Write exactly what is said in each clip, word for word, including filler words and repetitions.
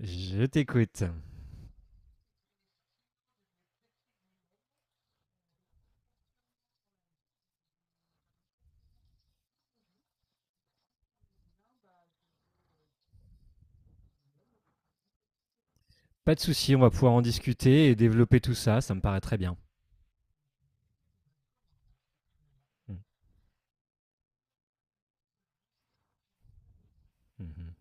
Je t'écoute. Pas de souci, on va pouvoir en discuter et développer tout ça, ça me paraît très bien. Mm. Mhm.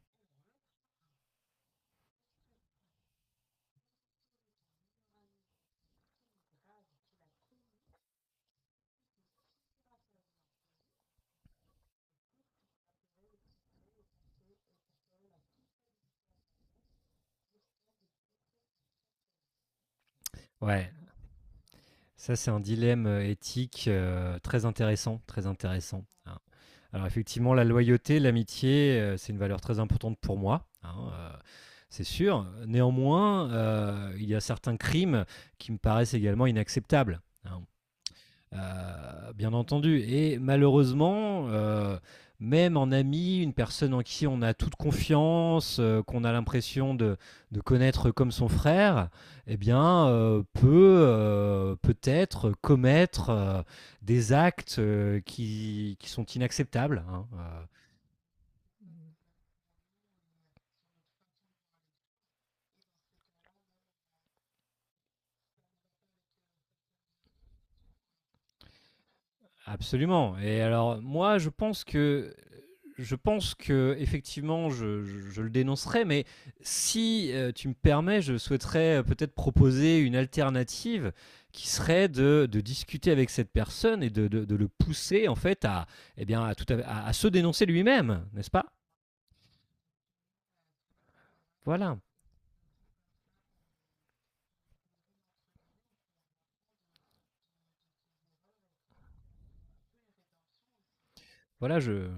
Ouais, ça c'est un dilemme euh, éthique euh, très intéressant, très intéressant. hein. Alors effectivement, la loyauté, l'amitié, euh, c'est une valeur très importante pour moi, hein, euh, c'est sûr. Néanmoins, euh, il y a certains crimes qui me paraissent également inacceptables. hein. Heu, bien entendu et malheureusement, heu, même en ami, une personne en qui on a toute confiance, heu, qu'on a l'impression de de connaître comme son frère eh bien, heu, peut, heu, peut-être commettre, heu, des actes, heu, qui qui sont inacceptables, hein, heu, absolument. Et alors moi je pense que, je pense que effectivement, je, je- je le dénoncerai, mais si euh, tu me permets, je souhaiterais euh, peut-être proposer une alternative qui serait de, de discuter avec cette personne et de, de- de le pousser en fait à, eh bien, à, tout à, à- à se dénoncer lui-même, n'est-ce pas. Voilà, voilà, je,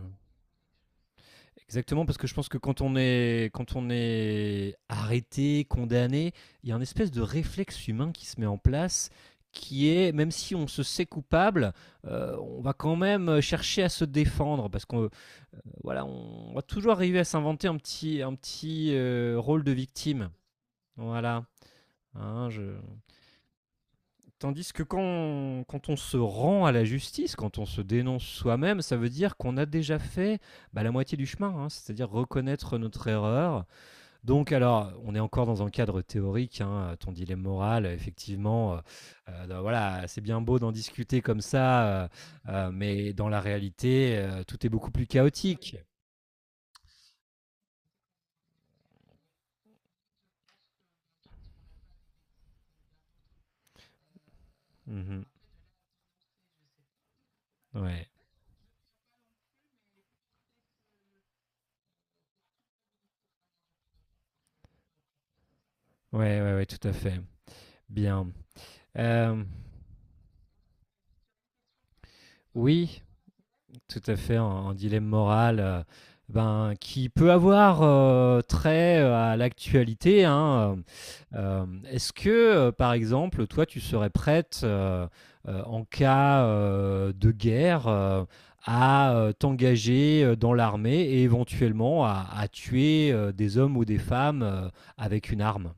Exactement, parce que je pense que quand on est, quand on est arrêté, condamné, il y a un espèce de réflexe humain qui se met en place, qui est, même si on se sait coupable, euh, on va quand même chercher à se défendre, parce qu'on voilà, on va toujours arriver à s'inventer un petit, un petit euh, rôle de victime. Voilà. Hein, je... Tandis que quand, quand on se rend à la justice, quand on se dénonce soi-même, ça veut dire qu'on a déjà fait bah la moitié du chemin, hein, c'est-à-dire reconnaître notre erreur, donc, alors, on est encore dans un cadre théorique, hein, ton dilemme moral, euh, effectivement, euh, euh, donc voilà, c'est bien beau d'en discuter comme ça, euh, euh, mais dans la réalité, euh, tout est beaucoup plus chaotique. Mhm. Ouais. Ouais, ouais, ouais, tout à fait. Bien. Euh, oui, tout à fait un, un dilemme moral euh, ben, qui peut avoir euh, trait euh, à l'actualité, hein. euh, euh, Est-ce que, euh, par exemple, toi, tu serais prête euh, euh, en cas euh, de guerre euh, à euh, t'engager euh, dans l'armée et éventuellement à, à tuer euh, des hommes ou des femmes euh, avec une arme?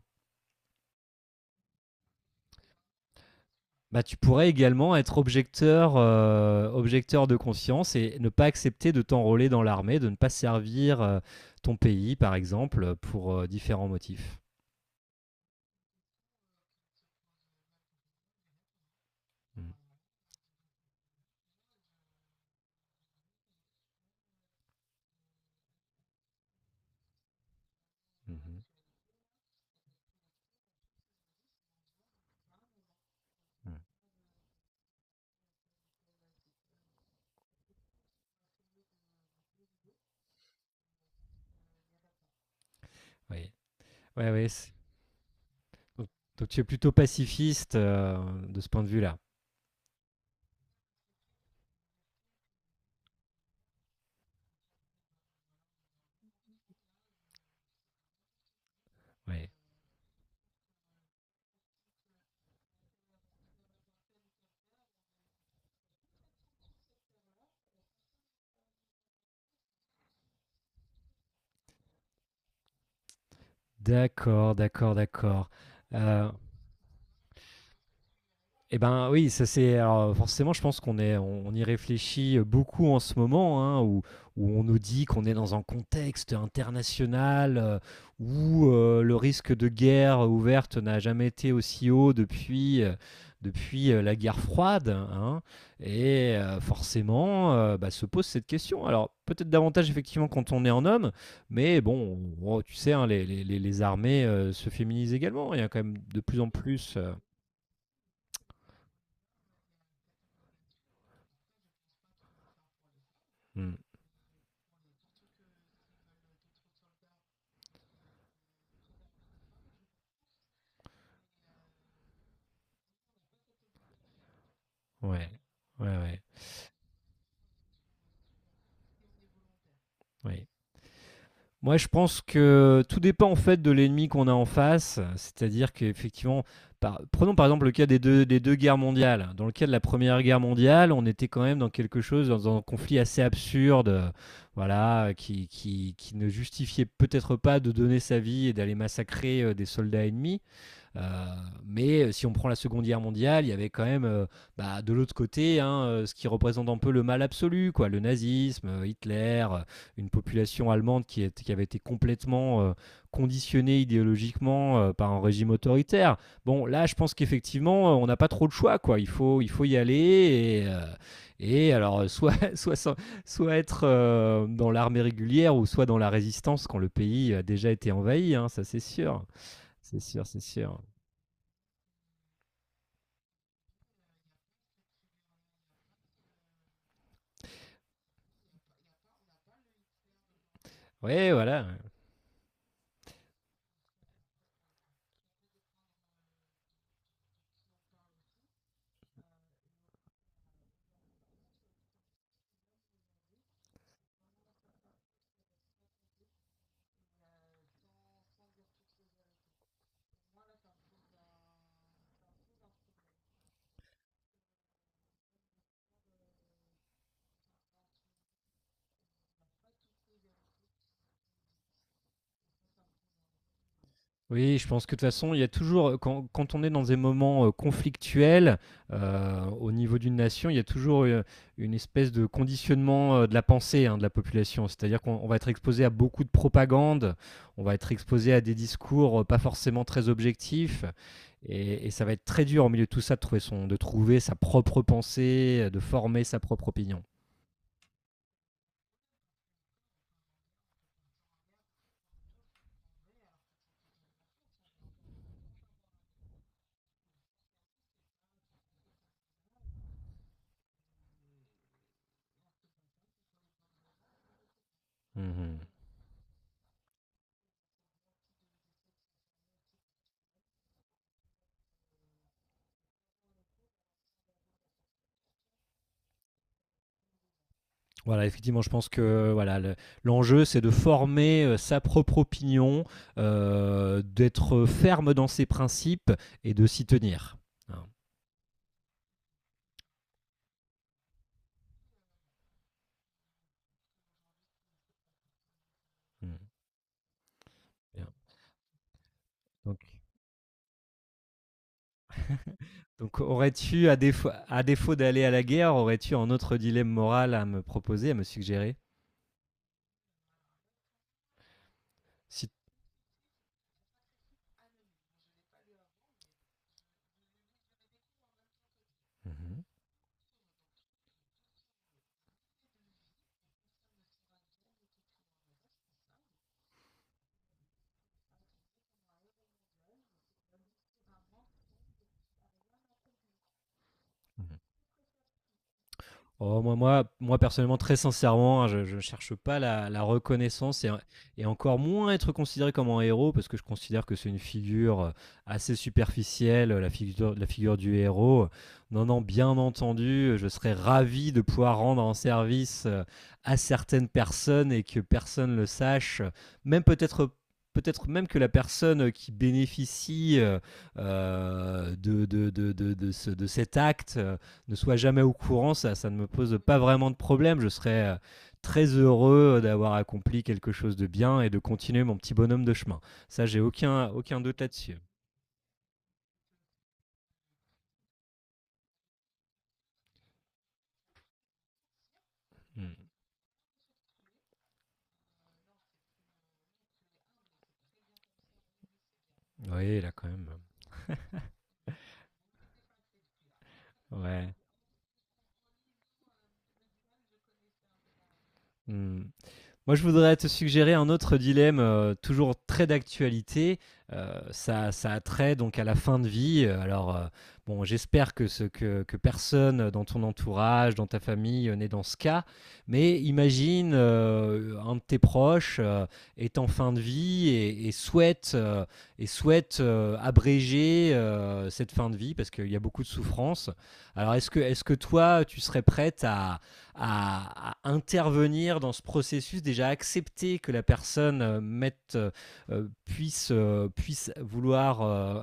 Bah, tu pourrais également être objecteur, heu, objecteur de conscience et ne pas accepter de t'enrôler dans l'armée, de ne pas servir, heu, ton pays, par exemple, pour, heu, différents motifs. Mmh. Mmh mh. Mmh. Oui. Ouais, ouais, c'est donc donc tu es plutôt pacifiste, heu, de ce point de vue-là? Oui. D'accord, d'accord, d'accord. Heu Eh ben oui, ça c'est alors forcément, je pense qu'on est, on, on y réfléchit beaucoup en ce moment, hein, où, où on nous dit qu'on est dans un contexte international euh, où euh, le risque de guerre ouverte n'a jamais été aussi haut depuis, euh, depuis euh, la guerre froide, hein. Et euh, forcément euh, bah, se pose cette question. Alors peut-être davantage effectivement quand on est en homme, mais bon, on- tu sais, hein, les, les- les- les armées euh, se féminisent également, il y a quand même de plus en plus. euh, Hmm. Ouais, ouais, ouais, ouais. Moi, je pense que tout dépend en fait de l'ennemi qu'on a en face. C'est-à-dire qu'effectivement, par- prenons par exemple le cas des deux, des deux guerres mondiales. Dans le cas de la Première Guerre mondiale, on était quand même dans quelque chose, dans, dans un conflit assez absurde, euh, voilà, qui, qui, qui ne justifiait peut-être pas de donner sa vie et d'aller massacrer euh, des soldats ennemis. Euh, mais euh, si on prend la Seconde Guerre mondiale, il y avait quand même euh, bah, de l'autre côté hein, euh, ce qui représente un peu le mal absolu, quoi, le nazisme, euh, Hitler, euh, une population allemande qui, est- qui avait été complètement euh, conditionnée idéologiquement euh, par un régime autoritaire. Bon, là, je pense qu'effectivement, euh, on n'a pas trop de choix, quoi. Il faut, il faut y aller et, euh, et alors euh, soit, soit, s'en- soit être euh, dans l'armée régulière ou soit dans la résistance quand le pays a déjà été envahi, hein, ça c'est sûr, c'est sûr, c'est sûr. Ouais, voilà. Oui, je pense que de toute façon, il y a toujours, quand, quand on est dans des moments euh, conflictuels euh, au niveau d'une nation, il y a toujours euh, une espèce de conditionnement euh, de la pensée hein, de la population. C'est-à-dire qu'on on va être exposé à beaucoup de propagande, on va être exposé à des discours euh, pas forcément très objectifs, et, et ça va être très dur au milieu de tout ça de trouver, son, de trouver sa propre pensée, euh, de former sa propre opinion. Mhm. Voilà, effectivement, je pense que voilà, le- l'enjeu, c'est de former euh, sa propre opinion, euh, d'être ferme dans ses principes et de s'y tenir. Hein. Mm. Bien. Donc, donc aurais-tu, à défaut, à défaut d'aller à la guerre, aurais-tu un autre dilemme moral à me proposer, à me suggérer. Si- Mhm. Oh, moi, moi, moi, personnellement, très sincèrement, hein, je ne cherche pas la, la reconnaissance et, et encore moins être considéré comme un héros parce que je considère que c'est une figure euh, assez superficielle, la figure, la figure du héros. Non, non, bien entendu, je serais ravi de pouvoir rendre un service euh, à certaines personnes et que personne le sache, même peut-être peut-être même que la personne qui bénéficie euh, euh, de, de, de, de- de ce- de cet acte euh, ne soit jamais au courant, ça, ça ne me pose pas vraiment de problème. Je serais euh, très heureux d'avoir accompli quelque chose de bien et de continuer mon petit bonhomme de chemin. Ça, j'ai aucun, aucun doute là-dessus. Hmm. Oui, là, quand même. Ouais. Hmm. Moi, je voudrais te suggérer un autre dilemme, euh, toujours très d'actualité. Euh, ça, ça a trait donc à la fin de vie. Euh, Alors, euh, bon, j'espère que, ce, que, que personne dans ton entourage, dans ta famille, euh, n'est dans ce cas. Mais imagine euh, un de tes proches euh, est en fin de vie et, et souhaite, euh, et souhaite euh, abréger euh, cette fin de vie parce qu'il y a beaucoup de souffrance. Alors, est-ce que, est-ce que toi, tu serais prête à à, à intervenir dans ce processus, déjà accepter que la personne euh, mette, euh, puisse, euh, puisse vouloir euh,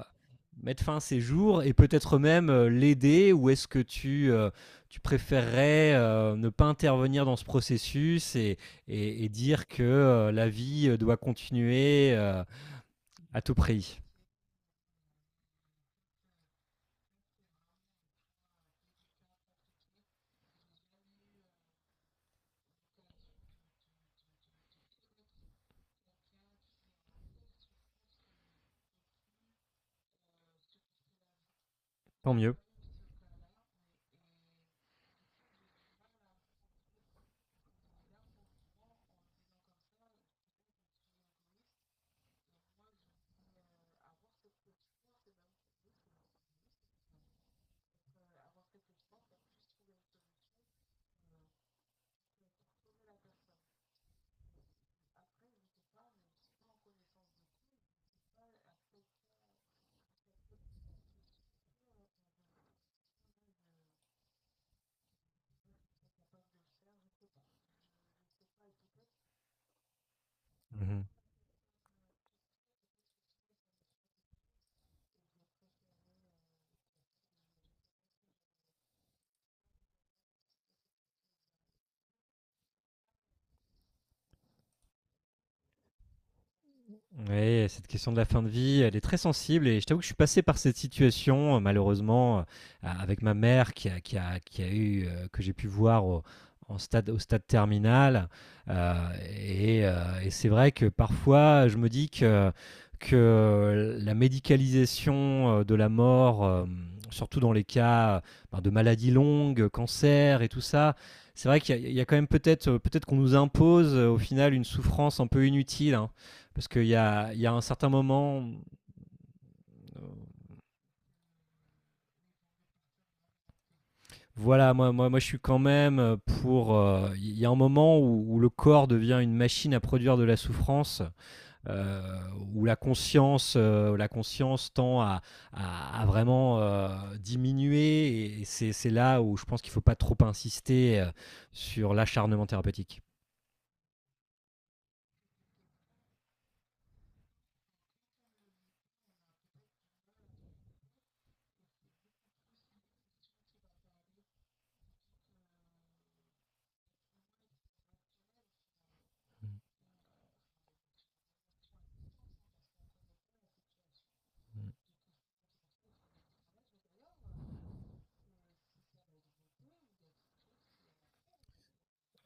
mettre fin à ses jours et peut-être même euh, l'aider, ou est-ce que tu, euh, tu préférerais euh, ne pas intervenir dans ce processus et, et- et dire que euh, la vie euh, doit continuer euh, à tout prix. Tant mieux. Oui, cette question de la fin de vie, elle est très sensible et je t'avoue que je suis passé par cette situation, euh, malheureusement, euh, avec ma mère qui a, qui a, qui a eu, euh, que j'ai pu voir au, en stade, au stade terminal. Euh, et euh, et c'est vrai que parfois, je me dis que, que la médicalisation euh, de la mort, euh, surtout dans les cas euh, ben, de maladies longues, cancer et tout ça, c'est vrai qu'il y, a il y a quand même peut-être euh, peut-être qu'on nous impose euh, au final une souffrance un peu inutile, hein. Parce qu'il y a, il y a un certain moment, voilà, moi, moi, moi je suis quand même euh, pour. euh, Il y a un moment où, où le corps devient une machine à produire de la souffrance, euh, où la conscience, euh, la conscience tend à, à, à vraiment euh, diminuer, et et c'est c'est là où je pense qu'il ne faut pas trop insister euh, sur l'acharnement thérapeutique.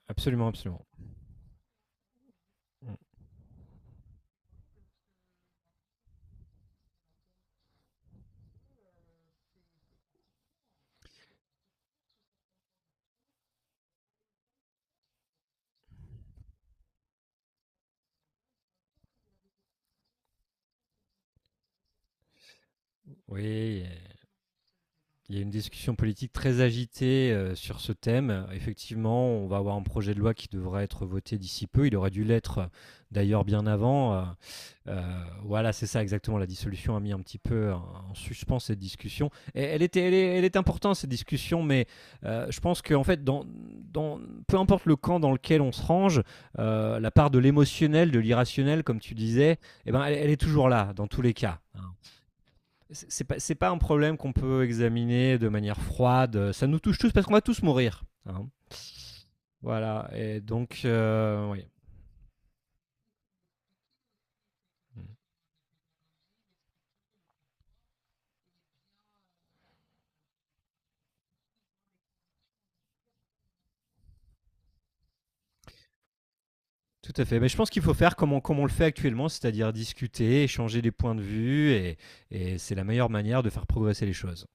Absolument, absolument. Oui, il y a une discussion politique très agitée euh, sur ce thème. Effectivement, on va avoir un projet de loi qui devra être voté d'ici peu. Il aurait dû l'être euh, d'ailleurs bien avant. Euh, euh, voilà, c'est ça exactement. La dissolution a mis un petit peu en, en suspens cette discussion. Et elle, était, elle, est, elle est importante, cette discussion, mais euh, je pense qu'en fait, dans, dans, peu importe le camp dans lequel on se range, euh, la part de l'émotionnel, de l'irrationnel, comme tu disais, eh ben, elle, elle est toujours là, dans tous les cas, hein. C'est pas, c'est pas un problème qu'on peut examiner de manière froide. Ça nous touche tous parce qu'on va tous mourir, hein. Voilà. Et donc, euh, oui. Tout à fait. Mais je pense qu'il faut faire comme on, comme on le fait actuellement, c'est-à-dire discuter, échanger des points de vue, et, et c'est la meilleure manière de faire progresser les choses.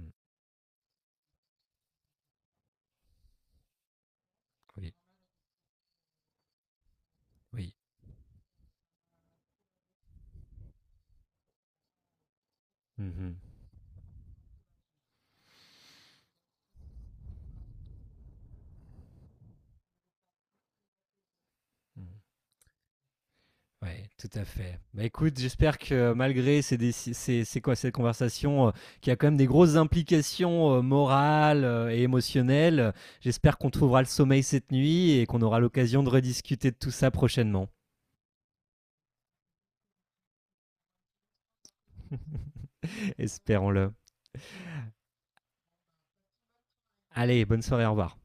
Mm. Oui, oui. Mhm. Mm. Ouais, tout à fait. Bah, écoute, j'espère que euh, malgré ces déci ces c'est quoi cette conversation, heu, qui a quand même des grosses implications, heu, morales, heu, et émotionnelles, heu, j'espère qu'on trouvera le sommeil cette nuit et qu'on aura l'occasion de rediscuter de tout ça prochainement. Espérons-le. Allez, bonne soirée, au revoir.